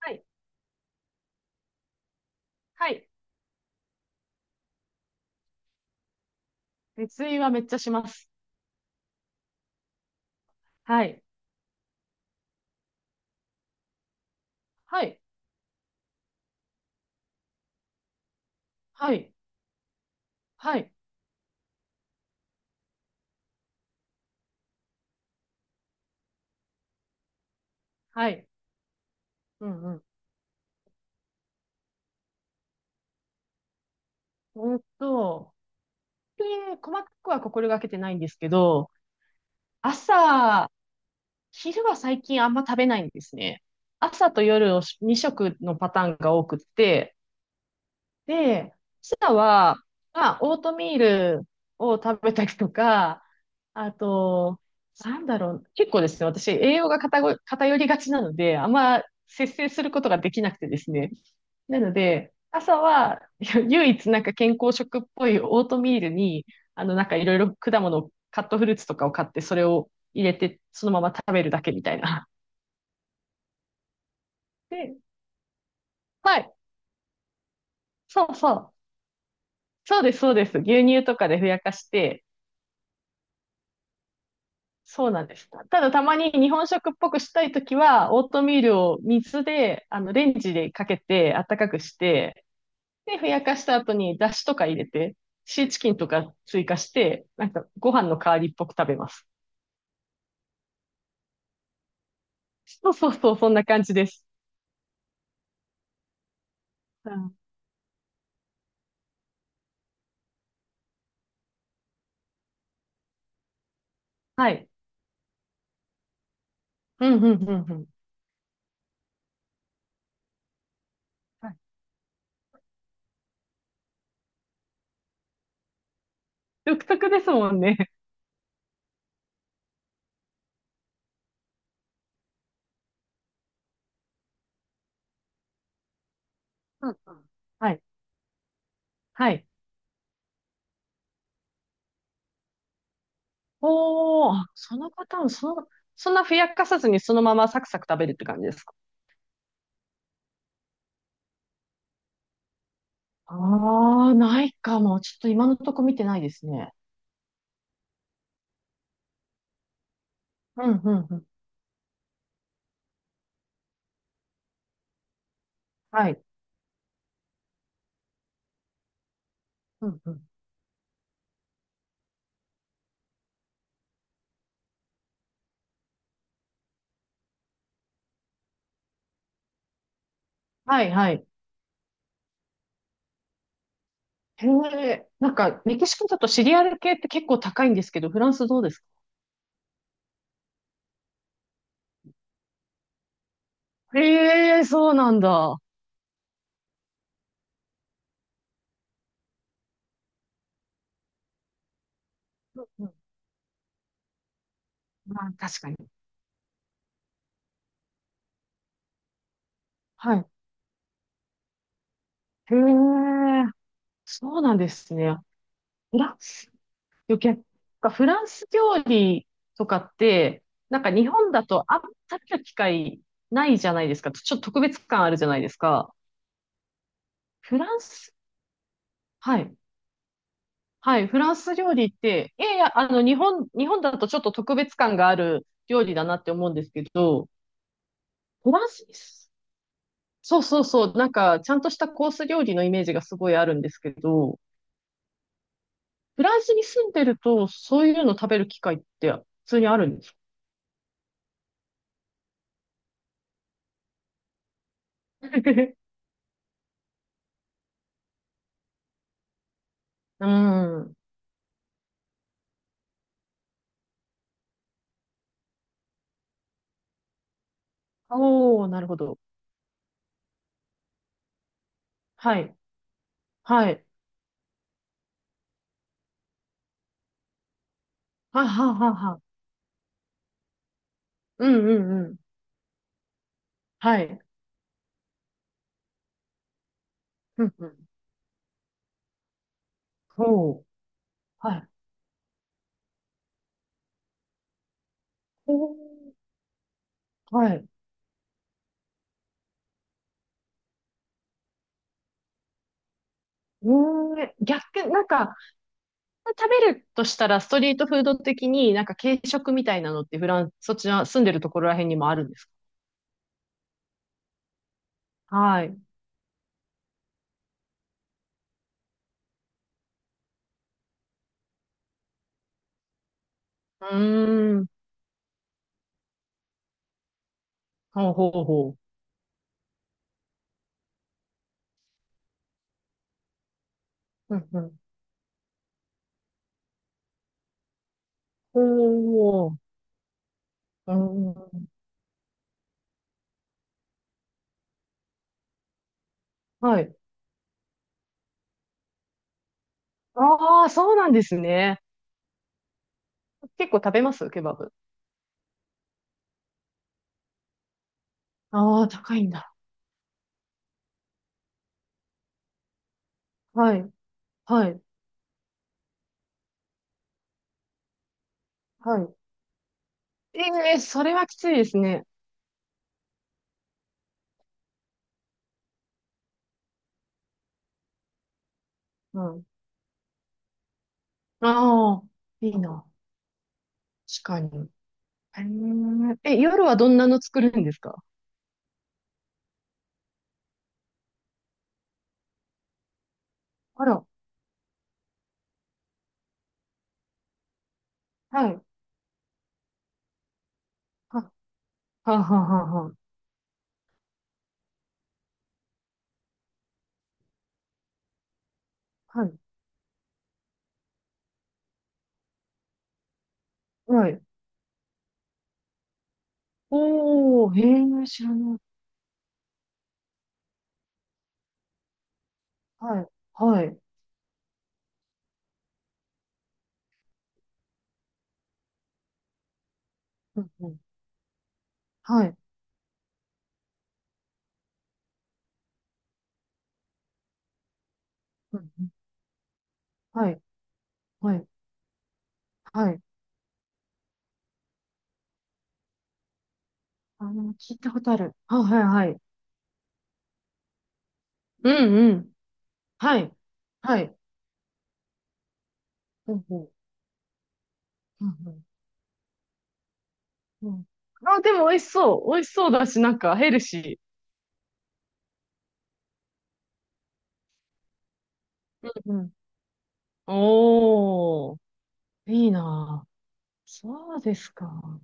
はい。はい。熱意はめっちゃします。はい。はい。はい。はい。はい。うんうん。ほんと、で、細かくは心がけてないんですけど、朝、昼は最近あんま食べないんですね。朝と夜を2食のパターンが多くって、で、ピザは、まあ、オートミールを食べたりとか、あと、結構ですね、私、栄養が偏りがちなので、あんま節制することができなくてですね。なので、朝は、唯一健康食っぽいオートミールに、なんかいろいろ果物を、カットフルーツとかを買って、それを入れて、そのまま食べるだけみたいな。で、はい、そうそう。そうです、そうです。牛乳とかでふやかして、そうなんです。ただたまに日本食っぽくしたいときは、オートミールを水で、レンジでかけて、温かくして、で、ふやかした後にだしとか入れて、シーチキンとか追加して、なんかご飯の代わりっぽく食べます。そうそうそう、そんな感じです。うん、はい。うん、うん、うん、うん。はい。独特ですもんね。うんうん。はい。はい。おー、あそのパターン、その、そんなふやかさずにそのままサクサク食べるって感じです。ああ、ないかも。ちょっと今のとこ見てないですね。うん、うん、うん。はい。うん、うん。はい、はい。へえ、なんか、メキシコだとシリアル系って結構高いんですけど、フランスどうですか？へえ、そうなんだ。うんうん。まあ、確かに。はい。へえ、そうなんですね。フランス、余計フランス料理とかって、なんか日本だとあんま食べる機会ないじゃないですか。ちょっと特別感あるじゃないですか。フランス、はい。はい、フランス料理って、いやいや、日本、日本だとちょっと特別感がある料理だなって思うんですけど、フランス、そうそうそう、なんか、ちゃんとしたコース料理のイメージがすごいあるんですけど、フランスに住んでると、そういうの食べる機会って普通にあるんですか？ うん。おー、なるほど。はい、はい、はははは。うんうんうん。はい。うんうん。おー、はい。おー、はい。うーん、逆、なんか、食べるとしたら、ストリートフード的になんか軽食みたいなのってフランス、そちら住んでるところらへんにもあるんですか？はい。うーん。ほうほうほう。うんうん。ほう。うん。はい。ああ、そうなんですね。結構食べますケバブ。ああ、高いんだ。はい。はい。はい。ええ、それはきついですね。うん。ああ、いいな。確かに。へええ、夜はどんなの作るんですか？あら。はい。は、はははは。はい。はい。おー、へえ、知らない。はい。はい。うんうん。はい。うんうん。はい。はい。はい。聞いたことある。はいはい。はい。うんうん。はい。はい。ほうんうん。うんうん。うん。あ、でも美味しそう。美味しそうだし、なんかヘルシー。うんうん。おー、いいなぁ。そうですか。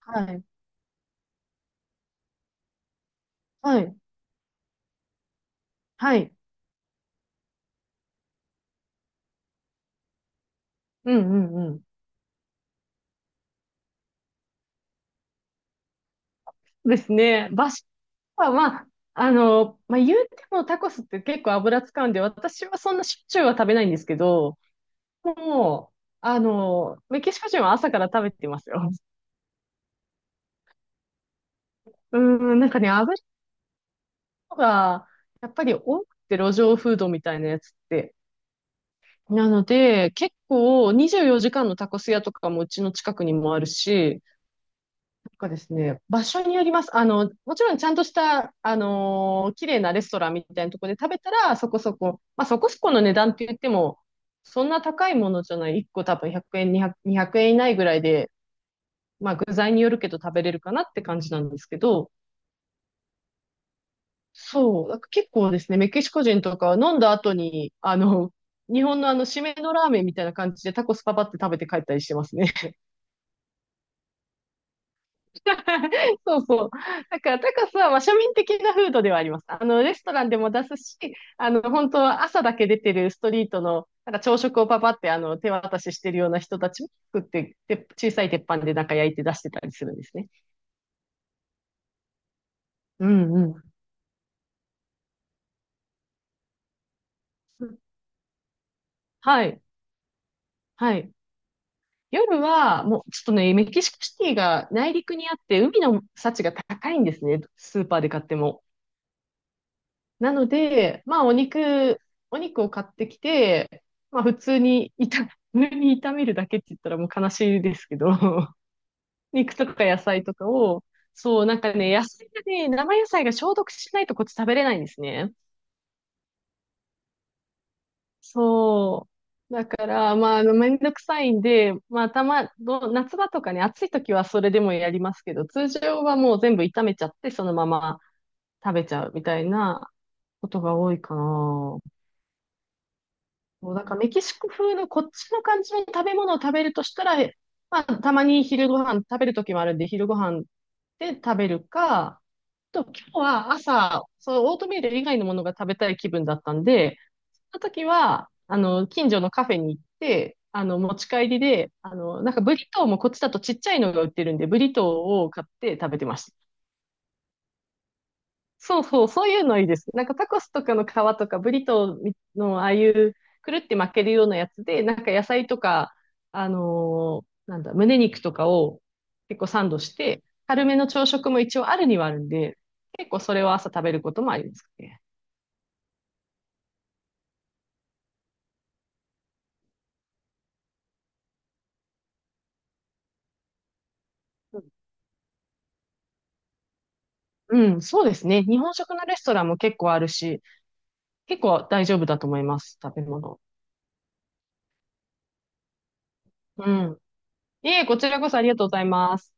はい。はい。はい。うんうんうん。ですね。バシは、言うてもタコスって結構油使うんで、私はそんなしょっちゅうは食べないんですけど、もう、メキシコ人は朝から食べてますよ。うん、なんかね、油が、やっぱり多くて路上フードみたいなやつって。なので、結構24時間のタコス屋とかもうちの近くにもあるし、なんかですね、場所によります。もちろんちゃんとした、あのー綺麗なレストランみたいなところで食べたら、そこそこ、まあそこそこの値段って言っても、そんな高いものじゃない。1個多分100円、200、200円以内ぐらいで、まあ具材によるけど食べれるかなって感じなんですけど、そう、なんか結構ですね、メキシコ人とかは飲んだ後に、日本のあの、締めのラーメンみたいな感じでタコスパパって食べて帰ったりしてますね。そうそう。だからタカスは、まあ、庶民的なフードではあります。レストランでも出すし、本当は朝だけ出てるストリートの、なんか朝食をパパって、手渡ししてるような人たちも作って、で、小さい鉄板でなんか焼いて出してたりするんですね。うんうん。はい。はい。夜は、もう、ちょっとね、メキシコシティが内陸にあって、海の幸が高いんですね。スーパーで買っても。なので、まあ、お肉、お肉を買ってきて、まあ、普通に炒め、普通に炒めるだけって言ったらもう悲しいですけど、肉とか野菜とかを、そう、なんかね、野菜がね、生野菜が消毒しないとこっち食べれないんですね。そう。だから、まあ、あのめんどくさいんで、まあ、たま、ど夏場とかね、暑い時はそれでもやりますけど、通常はもう全部炒めちゃって、そのまま食べちゃうみたいなことが多いかな。そう、だからメキシコ風のこっちの感じの食べ物を食べるとしたら、まあ、たまに昼ご飯食べるときもあるんで、昼ご飯で食べるか、と、今日は朝、そのオートミール以外のものが食べたい気分だったんで、その時は、近所のカフェに行って、持ち帰りで、なんかブリトーもこっちだとちっちゃいのが売ってるんで、ブリトーを買って食べてました。そうそう、そういうのいいです。なんかタコスとかの皮とかブリトーのああいうくるって巻けるようなやつで、なんか野菜とか、あのーなんだ、胸肉とかを結構サンドして、軽めの朝食も一応あるにはあるんで、結構それを朝食べることもありますね。うん、うんそうですね。日本食のレストランも結構あるし、結構大丈夫だと思います、食べ物。うん。いえ、こちらこそありがとうございます。